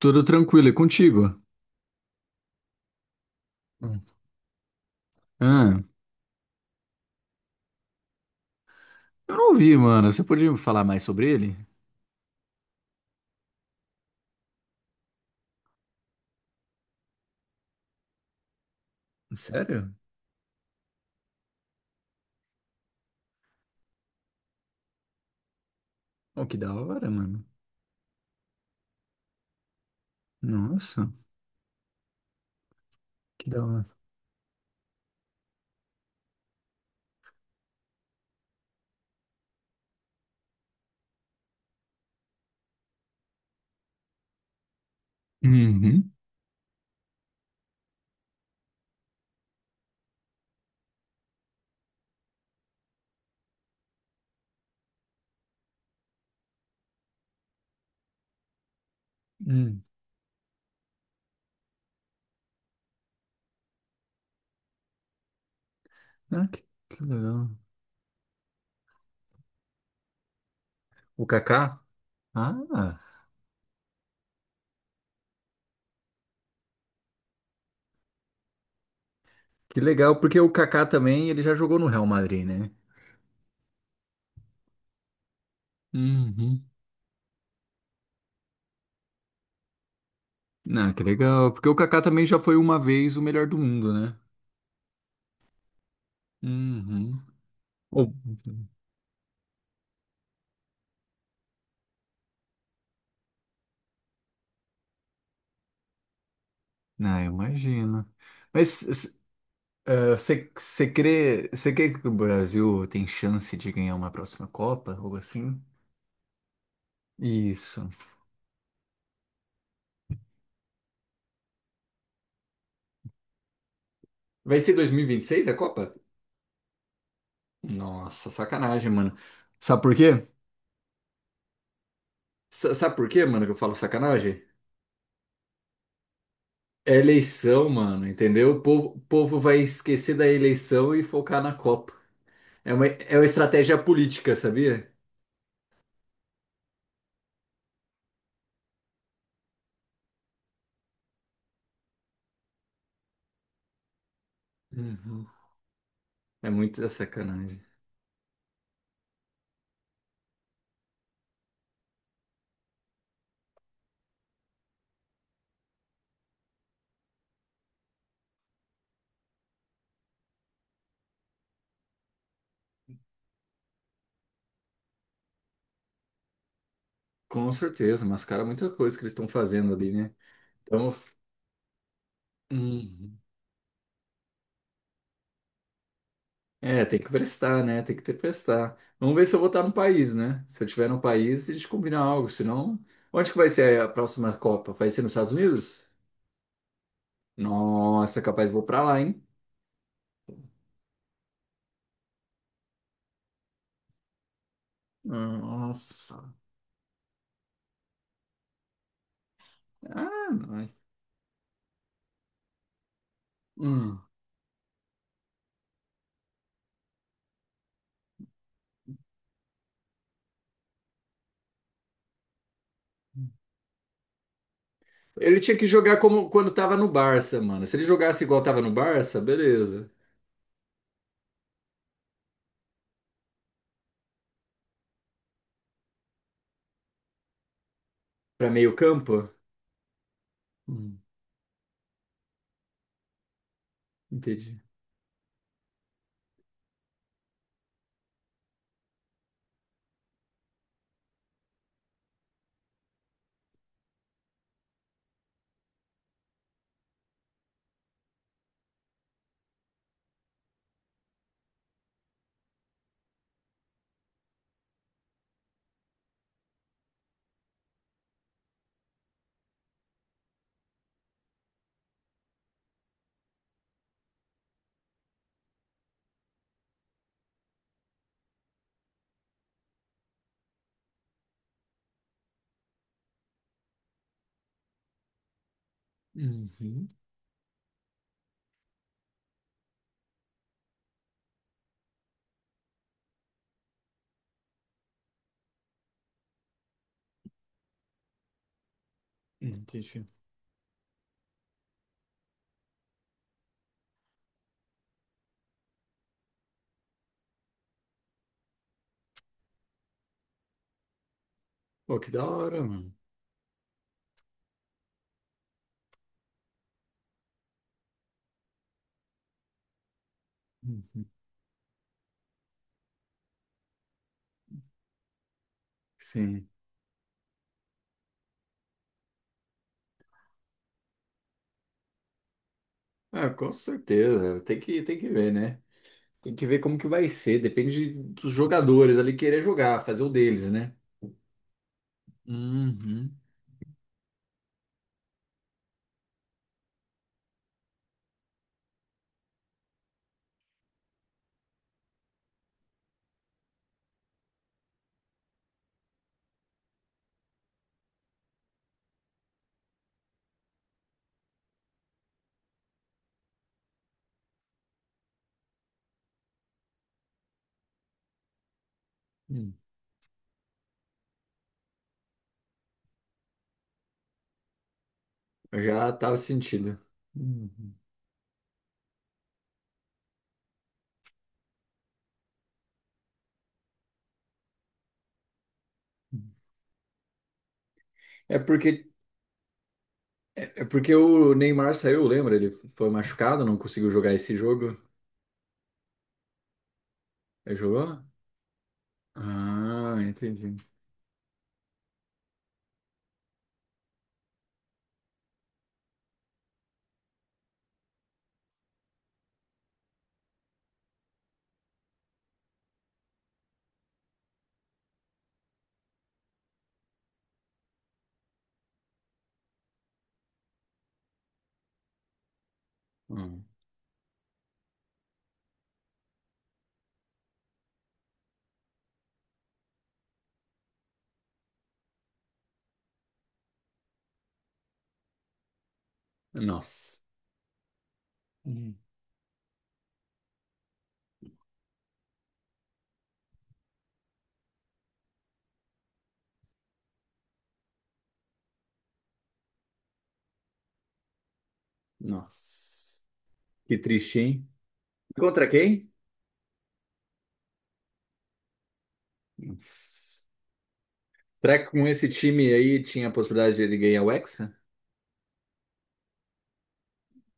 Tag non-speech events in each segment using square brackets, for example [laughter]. Tudo tranquilo, e contigo? Hum. Ah, eu não ouvi, mano. Você podia me falar mais sobre ele? Sério? Oh, que da hora, mano. Nossa. Que da hora. Uhum. Hum. Ah, que legal. O Kaká? Ah. Que legal, porque o Kaká também, ele já jogou no Real Madrid, né? Uhum. Ah, que legal. Porque o Kaká também já foi uma vez o melhor do mundo, né? Uhum. Ou- Ah, eu imagino. Mas s- Você você crê que o Brasil tem chance de ganhar uma próxima Copa, algo assim? Isso. Vai ser 2026 a Copa? Nossa, sacanagem, mano. Sabe por quê? Sabe por quê, mano, que eu falo sacanagem? É eleição, mano, entendeu? O povo vai esquecer da eleição e focar na Copa. É uma estratégia política, sabia? Uhum. É muita sacanagem. Com certeza, mascara muita coisa que eles estão fazendo ali, né? Então. Uhum. É, tem que prestar, né? Tem que ter prestar. Vamos ver se eu vou estar no país, né? Se eu estiver no país, a gente combina algo. Senão, onde que vai ser a próxima Copa? Vai ser nos Estados Unidos? Nossa, capaz vou pra lá, hein? Nossa. Ah, não. Hum. Ele tinha que jogar como quando tava no Barça, mano. Se ele jogasse igual tava no Barça, beleza. Pra meio campo? Hum. Entendi. Uhum. Entendi. Pô, que da hora, mano. Uhum. Sim. Ah, com certeza. Tem que ver, né? Tem que ver como que vai ser. Depende dos jogadores ali querer jogar, fazer o deles, né? Uhum. Hum. Eu já tava sentindo. Uhum. É porque, é porque o Neymar saiu, lembra? Ele foi machucado, não conseguiu jogar esse jogo. Ele jogou? Ah, entendi. Hum. Nossa. Uhum. Nossa. Que triste, hein? Contra quem? Nossa. Será que com esse time aí tinha a possibilidade de ele ganhar o Hexa?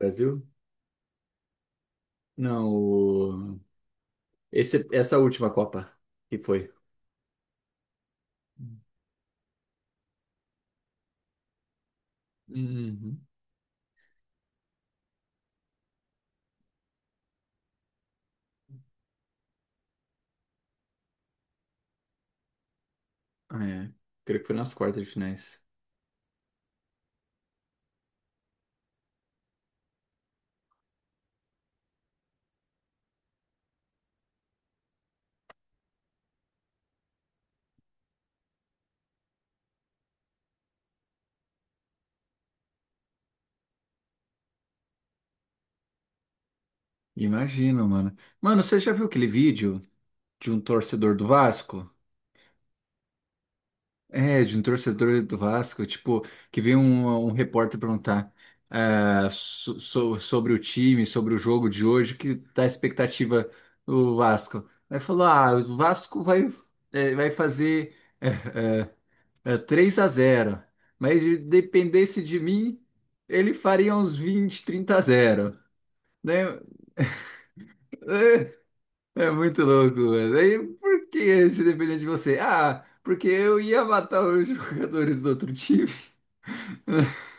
Brasil? Não. Essa última Copa que foi. Uhum. Ah, é, creio que foi nas quartas de finais. Imagino, mano. Mano, você já viu aquele vídeo de um torcedor do Vasco? É, de um torcedor do Vasco, tipo, que veio um repórter perguntar, sobre o time, sobre o jogo de hoje, que tá a expectativa do Vasco. Aí falou: ah, o Vasco vai fazer. [laughs] Eh, É 3 a zero. Mas se dependesse de mim, ele faria uns 20, 30 a zero. Né? É muito louco, mano. Aí, por que se depender de você? Ah, porque eu ia matar os [laughs] jogadores do outro time. [laughs]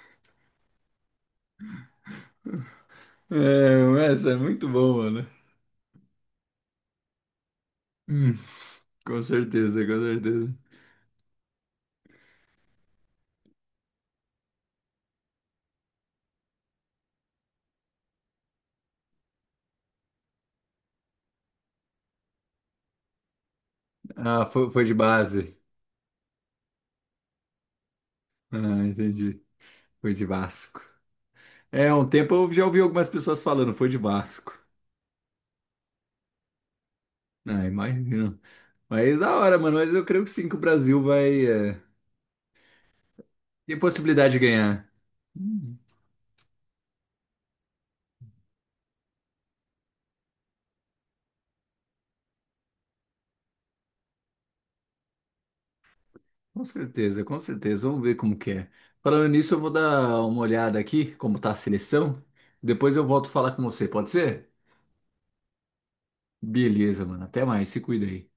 É, mas é muito bom, mano. Hum, com certeza, com certeza. Ah, foi de base. Ah, entendi. Foi de Vasco. É, um tempo eu já ouvi algumas pessoas falando, foi de Vasco. Ah, imagina. Mas da hora, mano. Mas eu creio que sim, que o Brasil vai é, ter possibilidade de ganhar. Hum, com certeza, com certeza. Vamos ver como que é. Falando nisso, eu vou dar uma olhada aqui, como tá a seleção. Depois eu volto a falar com você, pode ser? Beleza, mano. Até mais. Se cuida aí.